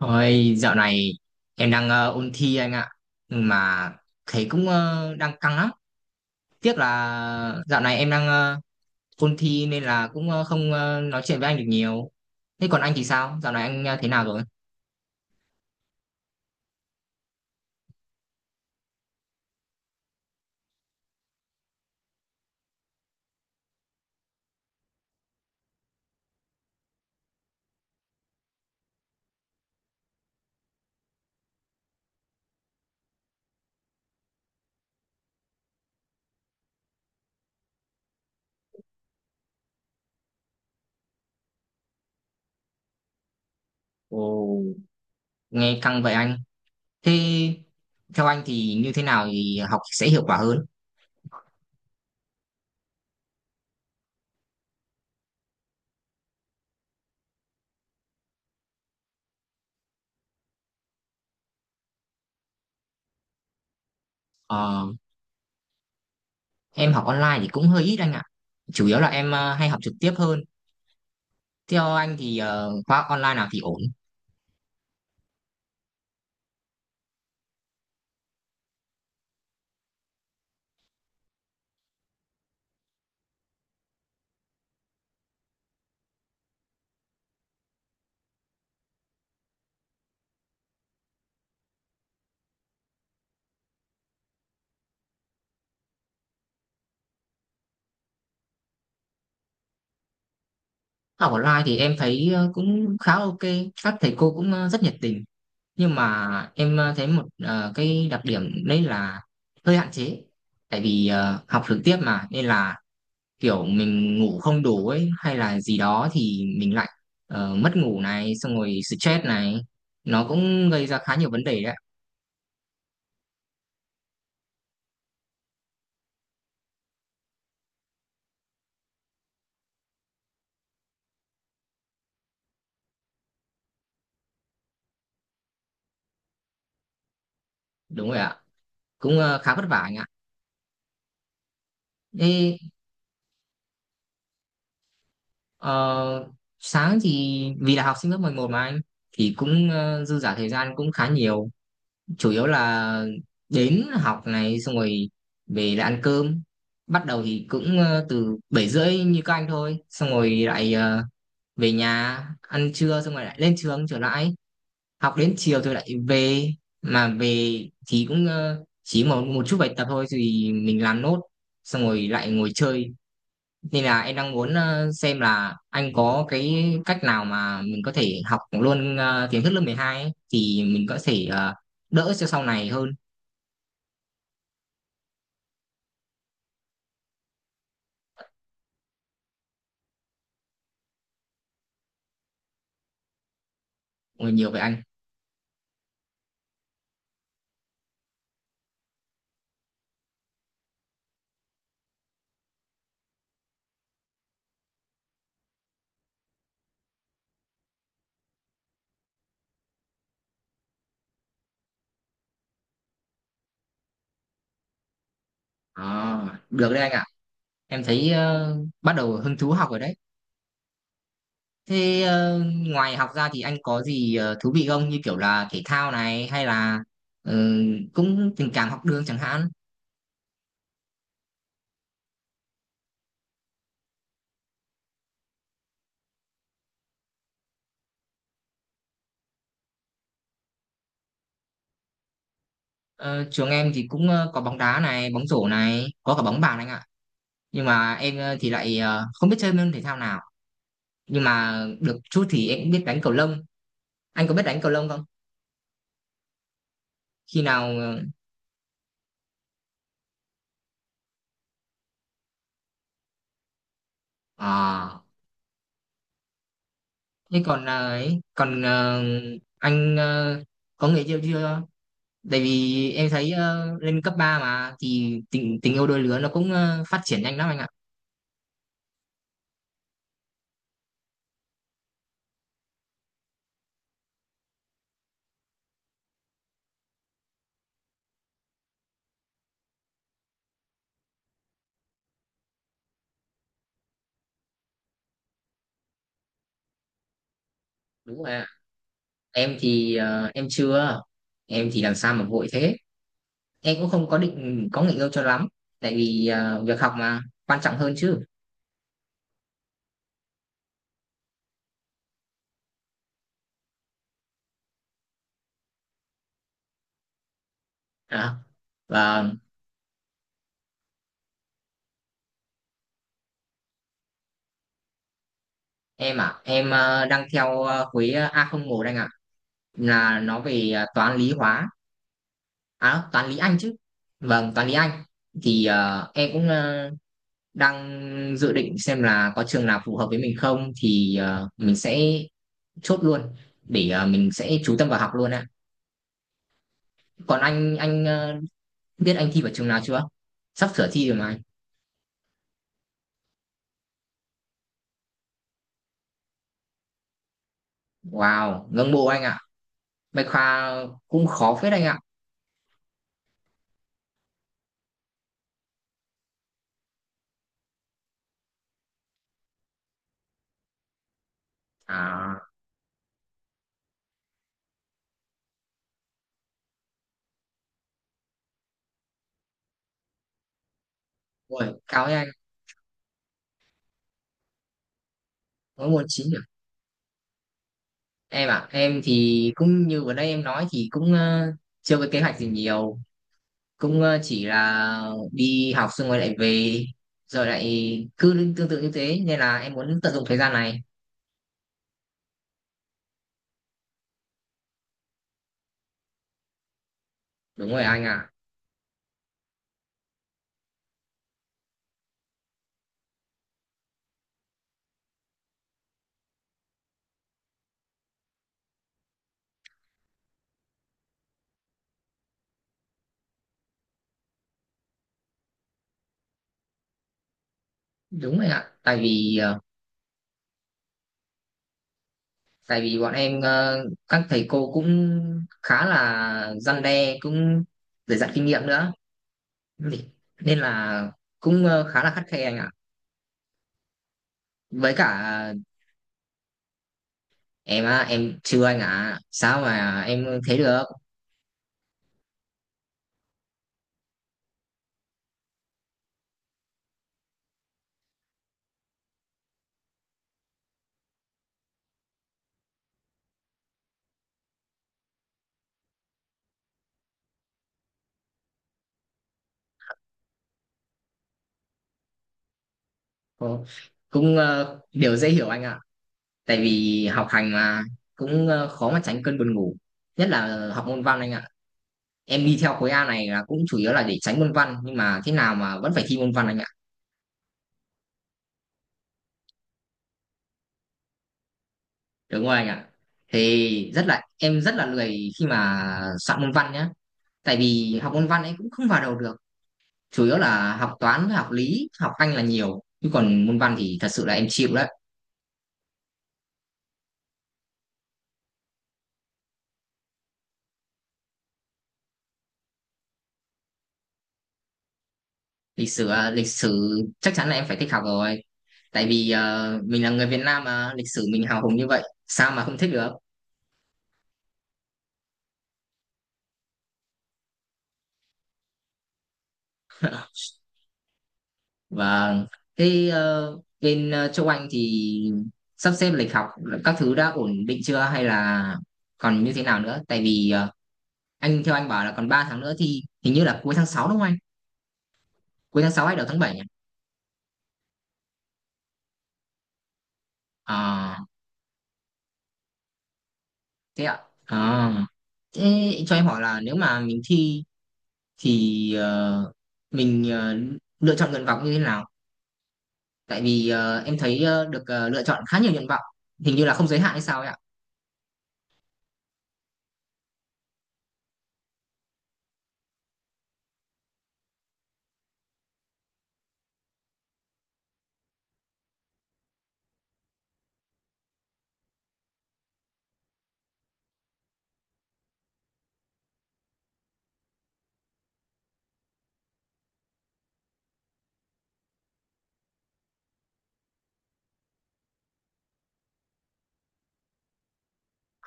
Ôi, dạo này em đang ôn thi anh ạ. Nhưng mà thấy cũng đang căng lắm. Tiếc là dạo này em đang ôn thi nên là cũng không nói chuyện với anh được nhiều. Thế còn anh thì sao? Dạo này anh thế nào rồi? Ồ, nghe căng vậy anh. Thế theo anh thì như thế nào thì học sẽ hiệu quả hơn? Ờ, em học online thì cũng hơi ít anh ạ. Chủ yếu là em hay học trực tiếp hơn. Theo anh thì khóa online nào thì ổn? Học online thì em thấy cũng khá ok, các thầy cô cũng rất nhiệt tình. Nhưng mà em thấy một cái đặc điểm đấy là hơi hạn chế. Tại vì học trực tiếp mà nên là kiểu mình ngủ không đủ ấy hay là gì đó thì mình lại mất ngủ này, xong rồi stress này, nó cũng gây ra khá nhiều vấn đề đấy. Đúng rồi ạ. Cũng khá vất vả anh ạ. Thế ờ, sáng thì vì là học sinh lớp 11 mà anh thì cũng dư giả thời gian cũng khá nhiều, chủ yếu là đến học này xong rồi về là ăn cơm, bắt đầu thì cũng từ 7:30 như các anh thôi, xong rồi lại về nhà ăn trưa xong rồi lại lên trường trở lại học đến chiều rồi lại về. Mà về thì cũng chỉ một một chút bài tập thôi thì mình làm nốt xong rồi lại ngồi chơi, nên là em đang muốn xem là anh có cái cách nào mà mình có thể học luôn kiến thức lớp 12 ấy, thì mình có thể đỡ cho sau này hơn. Ôi, nhiều vậy anh. Ờ, Được đấy anh ạ. Em thấy bắt đầu hứng thú học rồi đấy. Thế ngoài học ra thì anh có gì thú vị không, như kiểu là thể thao này hay là ờ, cũng tình cảm học đường chẳng hạn. Ờ, Trường em thì cũng có bóng đá này bóng rổ này có cả bóng bàn anh ạ. Nhưng mà em thì lại không biết chơi môn thể thao nào. Nhưng mà được chút thì em cũng biết đánh cầu lông. Anh có biết đánh cầu lông không? Khi nào ờ, à, thế còn à, ấy, còn à, anh có người yêu chưa? Tại vì em thấy lên cấp 3 mà thì tình tình yêu đôi lứa nó cũng phát triển nhanh lắm anh ạ. Đúng rồi ạ. Em thì em chưa. Em thì làm sao mà vội thế. Em cũng không có định có người yêu cho lắm. Tại vì việc học mà quan trọng hơn chứ. À. Và em đang theo khối A01 anh ạ. Là nó về toán lý hóa, à toán lý Anh chứ, vâng toán lý Anh. Thì em cũng đang dự định xem là có trường nào phù hợp với mình không thì mình sẽ chốt luôn, để mình sẽ chú tâm vào học luôn ạ. Còn anh biết anh thi vào trường nào chưa, sắp sửa thi rồi mà anh. Wow, ngưỡng mộ anh ạ. Bách Khoa cũng khó phết anh ạ. À. Ôi cao với anh, mới môn chín được em ạ. Em thì cũng như vừa đây em nói thì cũng chưa có kế hoạch gì nhiều, cũng chỉ là đi học xong rồi lại về rồi lại cứ tương tự như thế, nên là em muốn tận dụng thời gian này. Đúng rồi anh ạ. Đúng rồi ạ. Tại vì bọn em các thầy cô cũng khá là răn đe, cũng để dạy kinh nghiệm nữa, nên là cũng khá là khắt khe anh ạ, với cả em á em chưa anh ạ, sao mà em thế được. Ồ, cũng điều dễ hiểu anh ạ. Tại vì học hành mà cũng khó mà tránh cơn buồn ngủ, nhất là học môn văn anh ạ. Em đi theo khối A này là cũng chủ yếu là để tránh môn văn, nhưng mà thế nào mà vẫn phải thi môn văn anh ạ. Đúng rồi anh ạ. Thì rất là em rất là lười khi mà soạn môn văn nhá. Tại vì học môn văn ấy cũng không vào đầu được. Chủ yếu là học toán với học lý học anh là nhiều chứ còn môn văn thì thật sự là em chịu đấy. Lịch sử à, lịch sử chắc chắn là em phải thích học rồi. Tại vì mình là người Việt Nam mà lịch sử mình hào hùng như vậy, sao mà không thích được. Và thế bên châu Anh thì sắp xếp lịch học các thứ đã ổn định chưa hay là còn như thế nào nữa? Tại vì anh theo anh bảo là còn 3 tháng nữa thì hình như là cuối tháng 6 đúng không anh? Cuối tháng 6 hay đầu tháng 7 nhỉ? À. Thế ạ. À, thế cho em hỏi là nếu mà mình thi thì mình lựa chọn nguyện vọng như thế nào? Tại vì em thấy được lựa chọn khá nhiều nguyện vọng, hình như là không giới hạn hay sao ấy ạ.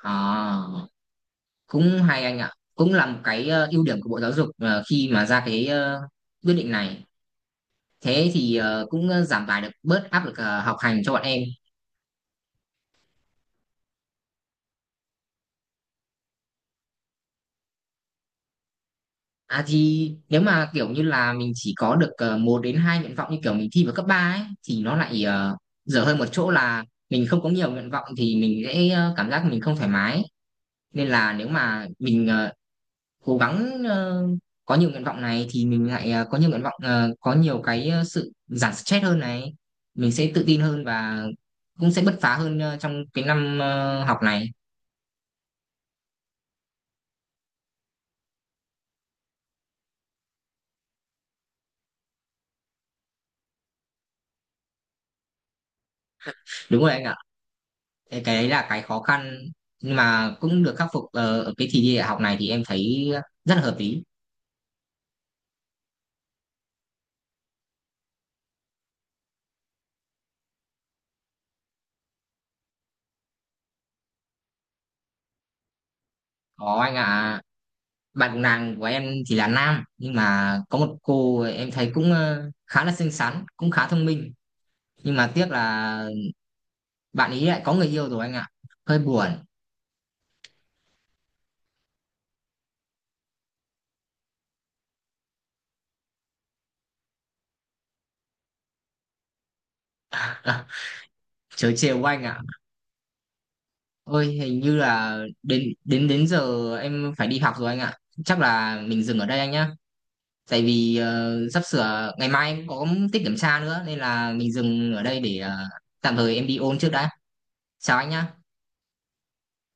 À, cũng hay anh ạ, cũng là một cái ưu điểm của Bộ Giáo dục khi mà ra cái quyết định này. Thế thì cũng giảm tải được bớt áp lực học hành cho bọn em. À thì nếu mà kiểu như là mình chỉ có được một đến hai nguyện vọng như kiểu mình thi vào cấp 3 ấy thì nó lại dở hơn một chỗ là mình không có nhiều nguyện vọng thì mình sẽ cảm giác mình không thoải mái. Nên là nếu mà mình cố gắng có nhiều nguyện vọng này thì mình lại có nhiều nguyện vọng có nhiều cái sự giảm stress hơn này, mình sẽ tự tin hơn và cũng sẽ bứt phá hơn trong cái năm học này. Đúng rồi anh ạ. Cái đấy là cái khó khăn, nhưng mà cũng được khắc phục ở cái kỳ thi đại học này thì em thấy rất là hợp lý. Có anh ạ. Bạn cùng nàng của em thì là nam, nhưng mà có một cô em thấy cũng khá là xinh xắn, cũng khá thông minh, nhưng mà tiếc là bạn ấy lại có người yêu rồi anh ạ. Hơi buồn. À, trời chiều của anh ạ. Ôi hình như là đến đến đến giờ em phải đi học rồi anh ạ. Chắc là mình dừng ở đây anh nhá. Tại vì sắp sửa ngày mai em có tiết kiểm tra nữa, nên là mình dừng ở đây để tạm thời em đi ôn trước đã. Chào anh nhá.